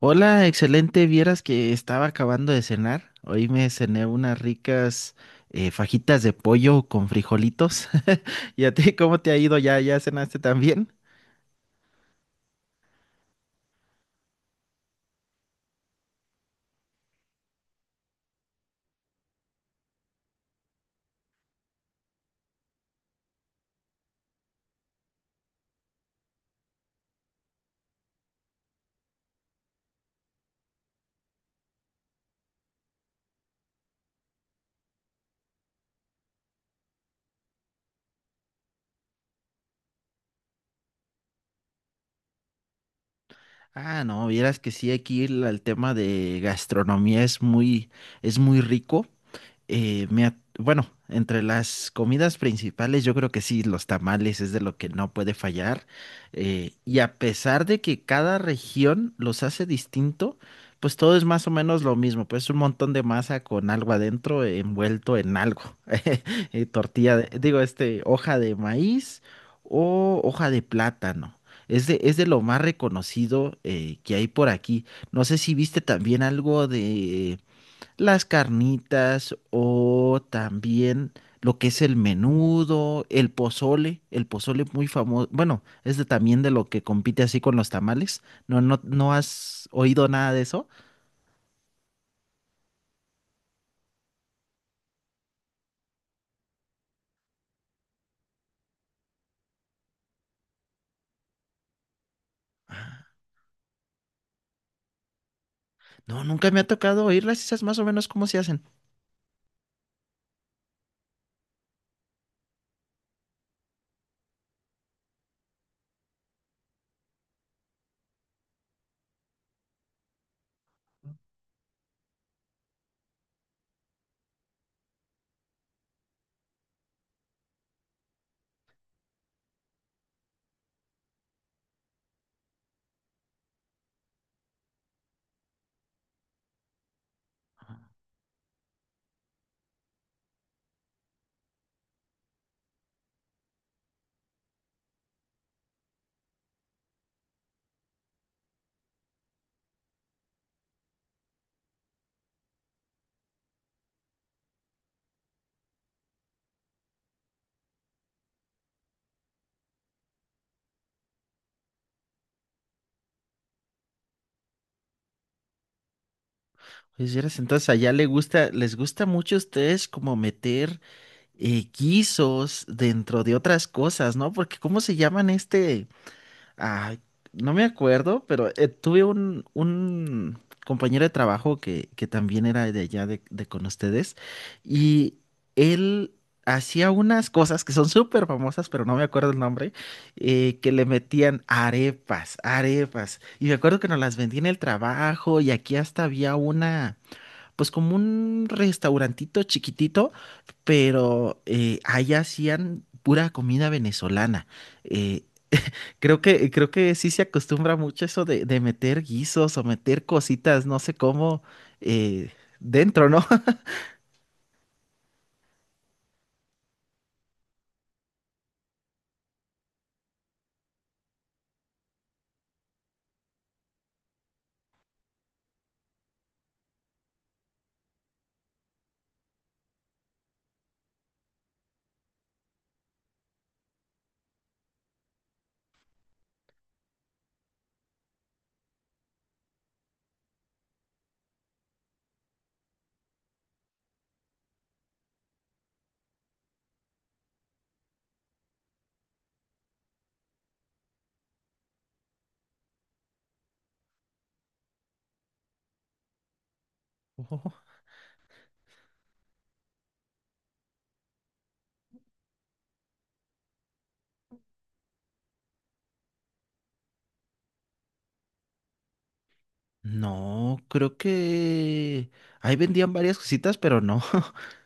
Hola, excelente. Vieras que estaba acabando de cenar. Hoy me cené unas ricas fajitas de pollo con frijolitos. ¿Y a ti cómo te ha ido? ¿Ya cenaste también? Ah, no, vieras que sí, aquí el tema de gastronomía es es muy rico. Bueno, entre las comidas principales, yo creo que sí, los tamales es de lo que no puede fallar. Y a pesar de que cada región los hace distinto, pues todo es más o menos lo mismo. Pues un montón de masa con algo adentro, envuelto en algo. Tortilla, digo, este, hoja de maíz o hoja de plátano. Es de lo más reconocido que hay por aquí. No sé si viste también algo de las carnitas o también lo que es el menudo, el pozole muy famoso. Bueno, es de, también de lo que compite así con los tamales. No, no, ¿no has oído nada de eso? No, nunca me ha tocado oírlas. ¿Y sabes más o menos cómo se hacen? Pues vieras, entonces allá le gusta, les gusta mucho a ustedes como meter guisos dentro de otras cosas, ¿no? Porque ¿cómo se llaman este? Ay, no me acuerdo, pero tuve un compañero de trabajo que también era de allá de con ustedes y él hacía unas cosas que son súper famosas, pero no me acuerdo el nombre, que le metían arepas, arepas. Y me acuerdo que nos las vendía en el trabajo y aquí hasta había una, pues como un restaurantito chiquitito, pero ahí hacían pura comida venezolana. Eh, Creo que, creo que sí se acostumbra mucho eso de meter guisos o meter cositas, no sé cómo, eh, dentro, ¿no? Ujú. No, creo que ahí vendían varias cositas, pero no.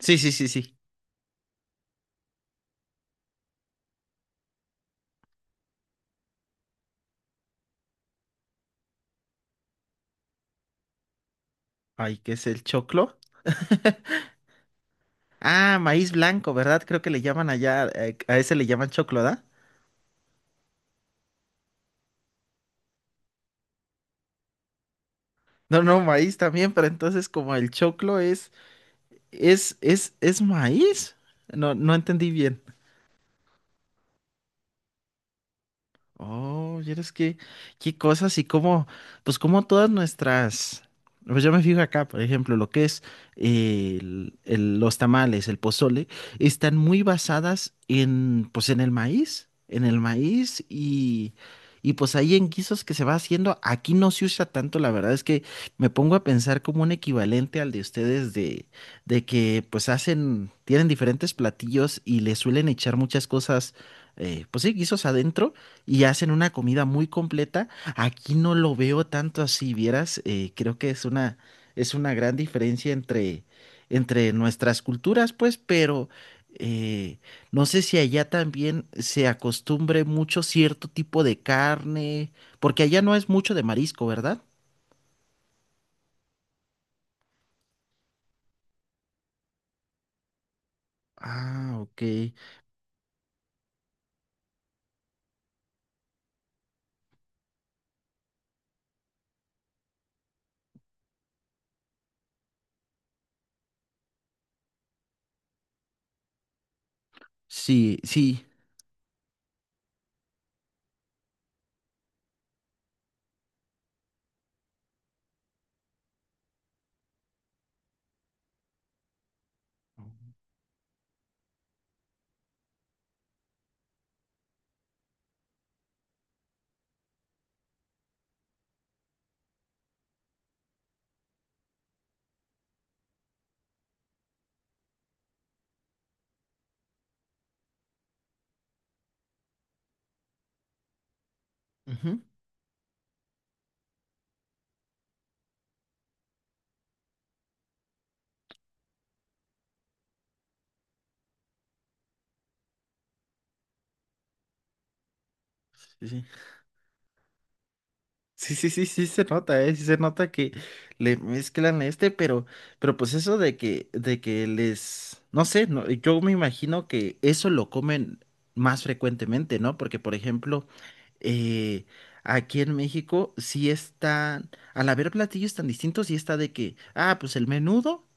Sí, sí, sí, sí. Ay, ¿qué es el choclo? Ah, maíz blanco, ¿verdad? Creo que le llaman allá, a ese le llaman choclo, ¿da? No, no, maíz también, pero entonces como el choclo es maíz. No, no entendí bien. Oh, y eres que, qué cosas y cómo, pues como todas nuestras, pues yo me fijo acá, por ejemplo, lo que es los tamales, el pozole, están muy basadas en, pues en el maíz y pues ahí en guisos que se va haciendo, aquí no se usa tanto, la verdad es que me pongo a pensar como un equivalente al de ustedes de que pues hacen, tienen diferentes platillos y le suelen echar muchas cosas, pues sí, guisos adentro y hacen una comida muy completa. Aquí no lo veo tanto así, vieras, creo que es una gran diferencia entre, entre nuestras culturas, pues, pero eh, no sé si allá también se acostumbre mucho cierto tipo de carne, porque allá no es mucho de marisco, ¿verdad? Ah, ok. Sí, sí. Ujú, sí, sí. Sí, sí, sí, sí se nota, ¿eh? Sí se nota que le mezclan este, pero pues eso de que les, no sé, no, yo me imagino que eso lo comen más frecuentemente, ¿no? Porque, por ejemplo, eh, aquí en México sí están, al haber platillos tan distintos, sí está de que, ah, pues el menudo,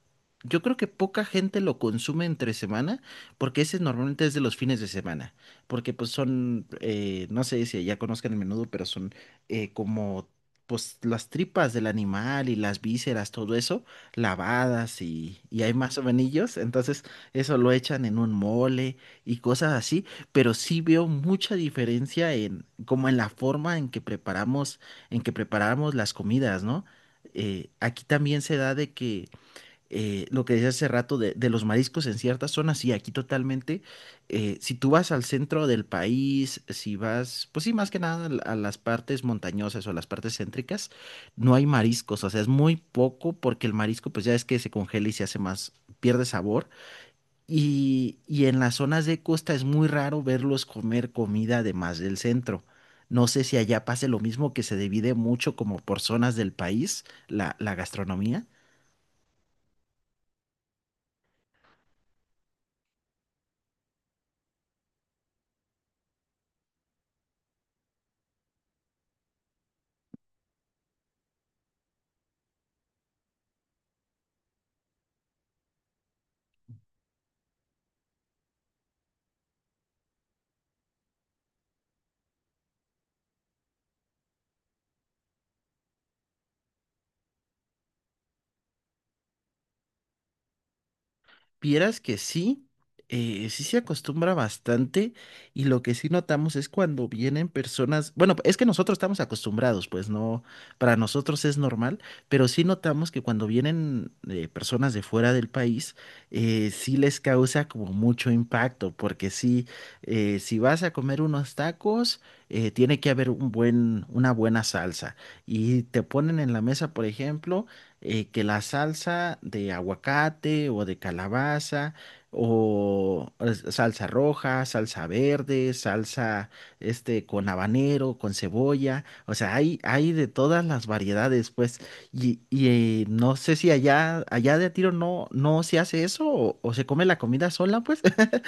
yo creo que poca gente lo consume entre semana, porque ese normalmente es de los fines de semana, porque pues son, no sé si ya conozcan el menudo, pero son como pues las tripas del animal y las vísceras, todo eso, lavadas y hay más sovenillos, entonces eso lo echan en un mole y cosas así, pero sí veo mucha diferencia en como en la forma en que preparamos las comidas, ¿no? Aquí también se da de que lo que decía hace rato de los mariscos en ciertas zonas, y aquí totalmente. Si tú vas al centro del país, si vas, pues sí, más que nada a las partes montañosas o a las partes céntricas, no hay mariscos, o sea, es muy poco porque el marisco, pues ya es que se congela y se hace más, pierde sabor. Y en las zonas de costa es muy raro verlos comer comida además del centro. No sé si allá pase lo mismo, que se divide mucho como por zonas del país, la gastronomía. Vieras que sí, sí se acostumbra bastante y lo que sí notamos es cuando vienen personas, bueno, es que nosotros estamos acostumbrados, pues no, para nosotros es normal, pero sí notamos que cuando vienen personas de fuera del país, sí les causa como mucho impacto, porque sí, si vas a comer unos tacos, tiene que haber un buen, una buena salsa y te ponen en la mesa, por ejemplo que la salsa de aguacate o de calabaza salsa roja, salsa verde, salsa este con habanero, con cebolla, o sea, hay de todas las variedades, pues, y, no sé si allá, allá de a tiro no, no se hace eso o se come la comida sola, pues,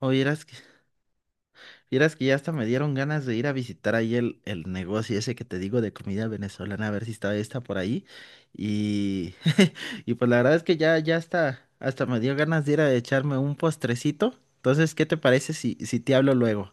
o vieras. Vieras que ya hasta me dieron ganas de ir a visitar ahí el negocio ese que te digo de comida venezolana, a ver si está esta por ahí. Y, y pues la verdad es que ya, ya hasta, hasta me dio ganas de ir a echarme un postrecito. Entonces, ¿qué te parece si, si te hablo luego?